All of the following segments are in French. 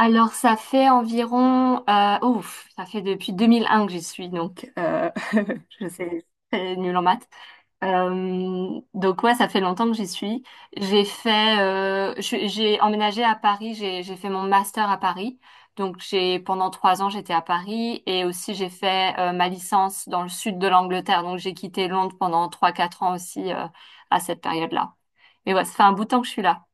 Alors, ça fait environ, ouf, ça fait depuis 2001 que j'y suis, donc je sais, c'est nul en maths. Donc ouais, ça fait longtemps que j'y suis. J'ai fait, j'ai emménagé à Paris, j'ai fait mon master à Paris. Donc j'ai pendant 3 ans j'étais à Paris, et aussi j'ai fait ma licence dans le sud de l'Angleterre. Donc j'ai quitté Londres pendant trois quatre ans aussi, à cette période-là. Mais ouais, ça fait un bout de temps que je suis là.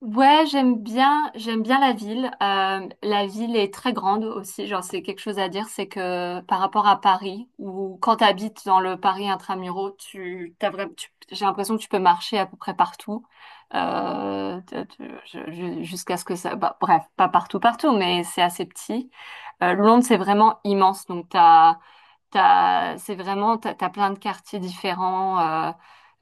Ouais, j'aime bien la ville. La ville est très grande aussi. Genre, c'est quelque chose à dire, c'est que par rapport à Paris, ou quand tu habites dans le Paris intramuraux, t'as vraiment, j'ai l'impression que tu peux marcher à peu près partout, jusqu'à ce que ça. Bah, bref, pas partout, partout, mais c'est assez petit. Londres, c'est vraiment immense. Donc c'est vraiment, t'as plein de quartiers différents. Euh,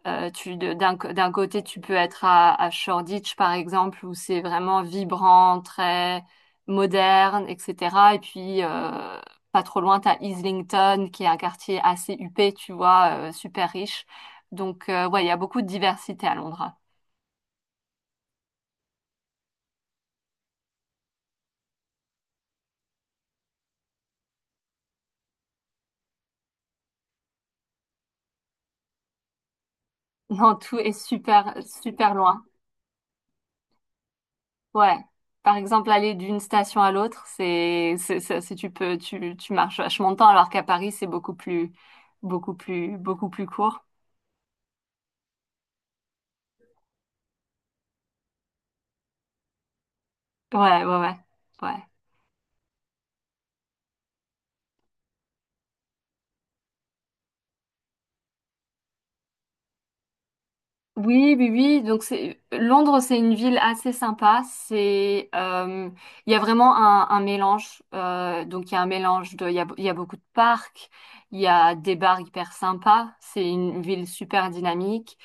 tu, de- d'un, co- d'un côté, tu peux être à Shoreditch, par exemple, où c'est vraiment vibrant, très moderne, etc. Et puis, pas trop loin, tu as Islington, qui est un quartier assez huppé, tu vois, super riche. Donc, ouais, il y a beaucoup de diversité à Londres. Non, tout est super, super loin. Ouais. Par exemple, aller d'une station à l'autre, tu peux, tu marches vachement de temps, alors qu'à Paris, c'est beaucoup plus, beaucoup plus, beaucoup plus court. Ouais, ouais, ouais, ouais. Oui, oui, oui. Donc c'est Londres, c'est une ville assez sympa. C'est, il y a vraiment un mélange. Donc il y a un mélange de, il y a beaucoup de parcs. Il y a des bars hyper sympas. C'est une ville super dynamique.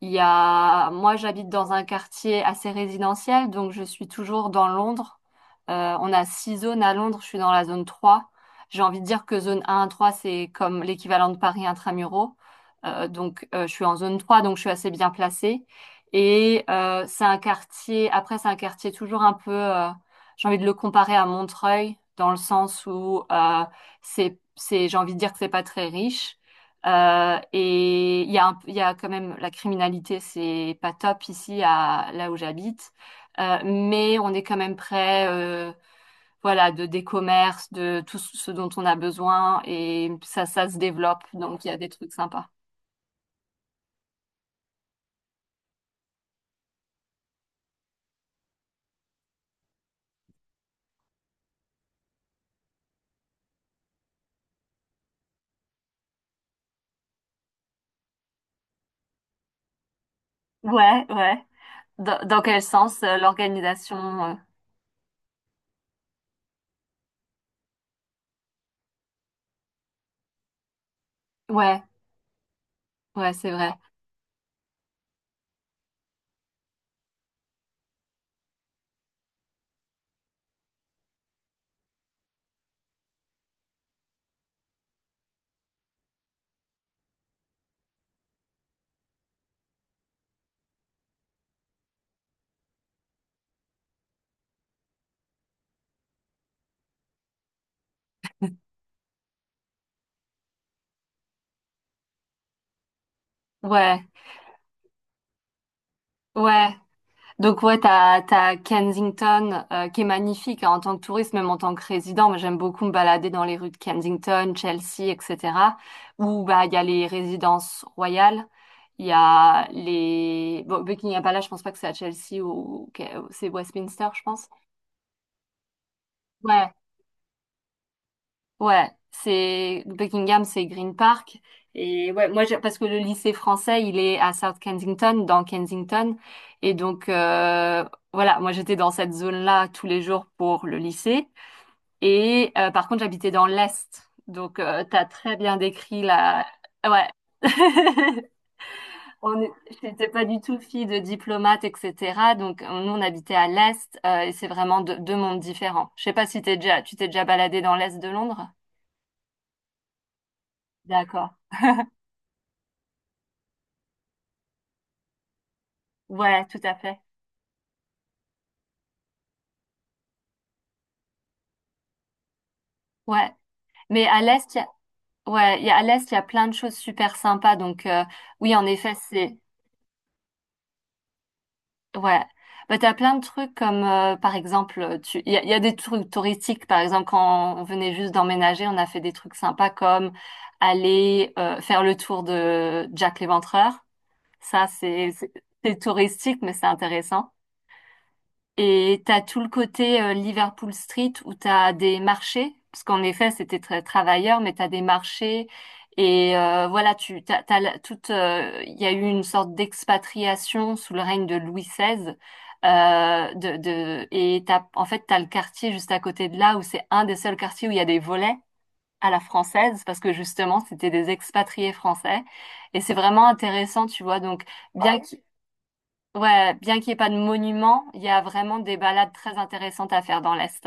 Moi, j'habite dans un quartier assez résidentiel, donc je suis toujours dans Londres. On a 6 zones à Londres. Je suis dans la zone 3. J'ai envie de dire que zone 1 à 3, c'est comme l'équivalent de Paris intramuros. Donc, je suis en zone 3, donc je suis assez bien placée. Et c'est un quartier, après, c'est un quartier toujours un peu, j'ai envie de le comparer à Montreuil, dans le sens où j'ai envie de dire que c'est pas très riche. Et il y a, il y a quand même la criminalité. C'est pas top ici, là où j'habite. Mais on est quand même près, voilà, de des commerces, de tout ce dont on a besoin, et ça se développe. Donc, il y a des trucs sympas. Ouais, ouais. Dans quel sens, l'organisation, Ouais, ouais, c'est vrai. Ouais, ouais. Donc ouais, t'as Kensington, qui est magnifique, hein, en tant que touriste, même en tant que résident. Moi, j'aime beaucoup me balader dans les rues de Kensington, Chelsea, etc. Où bah il y a les résidences royales, il y a les bon, Buckingham Palace. Je pense pas que c'est à Chelsea, c'est Westminster, je pense. Ouais, ouais, c'est Buckingham, c'est Green Park. Et ouais, moi, parce que le lycée français, il est à South Kensington, dans Kensington. Et donc, voilà, moi, j'étais dans cette zone-là tous les jours pour le lycée. Et par contre, j'habitais dans l'Est. Donc, t'as très bien décrit la... Ouais. On est- J'étais pas du tout fille de diplomate, etc. Donc, nous, on habitait à l'Est, et c'est vraiment deux mondes différents. Je sais pas si t'es déjà, tu t'es déjà baladé dans l'Est de Londres. D'accord. Ouais, tout à fait. Ouais. Mais à l'Est, il y a... Ouais, il y a, à l'Est, il y a plein de choses super sympas. Donc, oui, en effet, c'est, ouais. Bah, t'as plein de trucs comme, par exemple, il y a des trucs touristiques. Par exemple, quand on venait juste d'emménager, on a fait des trucs sympas comme aller, faire le tour de Jack l'Éventreur. Ça, c'est touristique, mais c'est intéressant. Et t'as tout le côté, Liverpool Street, où t'as des marchés, parce qu'en effet c'était très travailleur, mais t'as des marchés. Et voilà, tu t'as, il y a eu une sorte d'expatriation sous le règne de Louis XVI. Euh, de, de et t'as en fait t'as le quartier juste à côté de là où c'est un des seuls quartiers où il y a des volets à la française, parce que justement c'était des expatriés français, et c'est vraiment intéressant, tu vois, donc bien. Ouais, bien qu'il n'y ait pas de monument, il y a vraiment des balades très intéressantes à faire dans l'Est.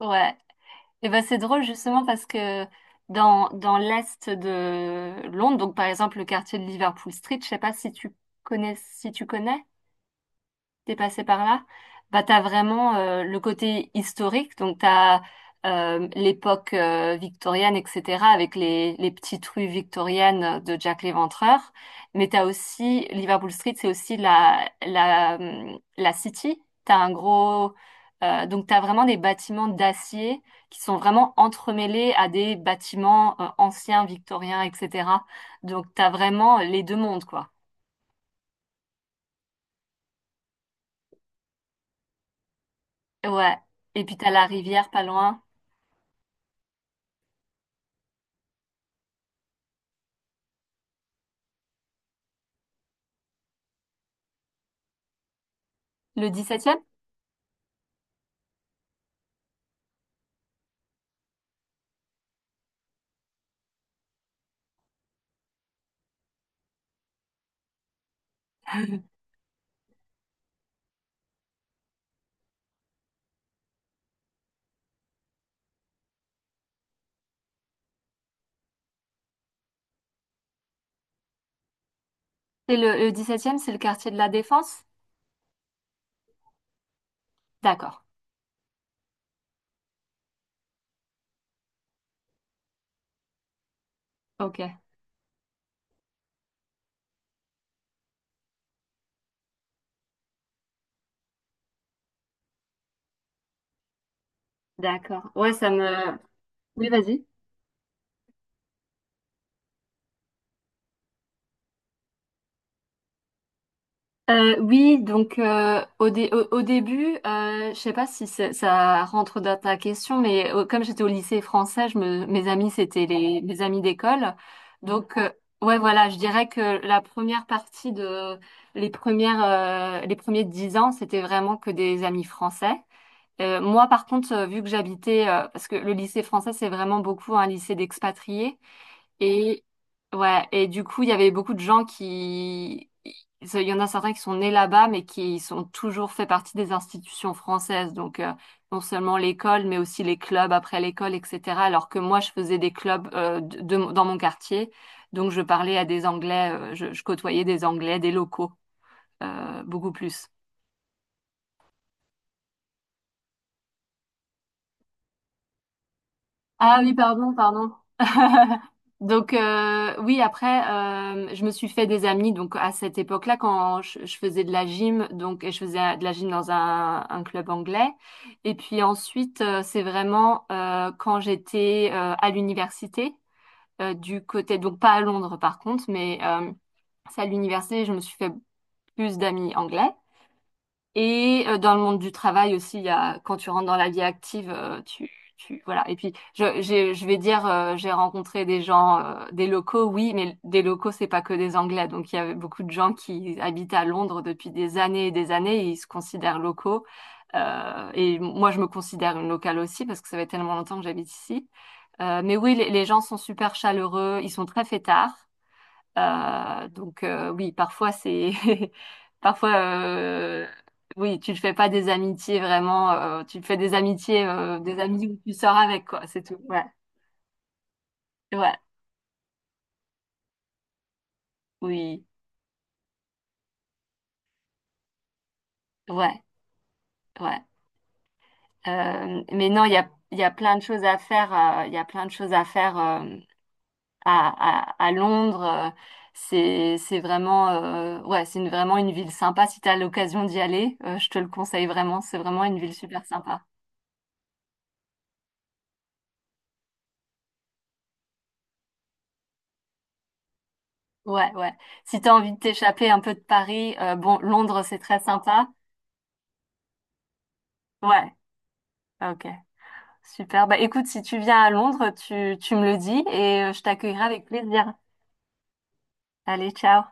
Ouais. Et ben c'est drôle justement parce que dans l'Est de Londres, donc par exemple le quartier de Liverpool Street, je sais pas si tu connais, si tu connais. T'es passé par là, bah t'as vraiment, le côté historique, donc t'as, l'époque, victorienne, etc., avec les petites rues victoriennes de Jack l'Éventreur. Mais t'as aussi Liverpool Street, c'est aussi la City. T'as un gros... Donc t'as vraiment des bâtiments d'acier qui sont vraiment entremêlés à des bâtiments, anciens victoriens, etc. Donc t'as vraiment les deux mondes, quoi. Ouais. Et puis t'as la rivière pas loin. Le dix septième C'est le, 17e, c'est le quartier de la Défense? D'accord. Ok. D'accord. Ouais, ça me... Oui, vas-y. Oui, donc, au début, je sais pas si ça rentre dans ta question, mais comme j'étais au lycée français, mes amis c'était les mes amis d'école. Donc, ouais voilà, je dirais que la première partie de les premières les premiers 10 ans, c'était vraiment que des amis français. Moi, par contre, vu que j'habitais, parce que le lycée français, c'est vraiment beaucoup un lycée d'expatriés, et ouais, et du coup, il y avait beaucoup de gens qui, il y en a certains qui sont nés là-bas, mais qui sont toujours fait partie des institutions françaises. Donc, non seulement l'école, mais aussi les clubs après l'école, etc. Alors que moi, je faisais des clubs, dans mon quartier, donc je parlais à des Anglais. Je côtoyais des Anglais, des locaux, beaucoup plus. Ah oui, pardon, pardon. Donc, oui, après, je me suis fait des amis. Donc à cette époque-là, quand je faisais de la gym, donc et je faisais de la gym dans un club anglais. Et puis ensuite, c'est vraiment, quand j'étais, à l'université, du côté, donc pas à Londres par contre, mais c'est à l'université, je me suis fait plus d'amis anglais. Et dans le monde du travail aussi, il y a, quand tu rentres dans la vie active, voilà. Et puis, je vais dire, j'ai rencontré des gens, des locaux, oui, mais des locaux, c'est pas que des Anglais. Donc, il y avait beaucoup de gens qui habitent à Londres depuis des années et des années, et ils se considèrent locaux. Et moi, je me considère une locale aussi parce que ça fait tellement longtemps que j'habite ici. Mais oui, les gens sont super chaleureux, ils sont très fêtards. Oui, parfois c'est parfois, oui, tu ne fais pas des amitiés vraiment, tu te fais des amitiés, des amis où tu sors avec quoi, c'est tout. Ouais, ouais, oui, ouais, ouais. Mais non, il y a plein de choses à faire, il y a plein de choses à faire, à Londres. C'est vraiment, ouais, c'est vraiment une ville sympa si tu as l'occasion d'y aller. Je te le conseille vraiment, c'est vraiment une ville super sympa. Ouais, ouais. Si t'as envie de t'échapper un peu de Paris, bon, Londres, c'est très sympa. Ouais, ok. Super. Bah écoute, si tu viens à Londres, tu me le dis, et je t'accueillerai avec plaisir. Allez, ciao.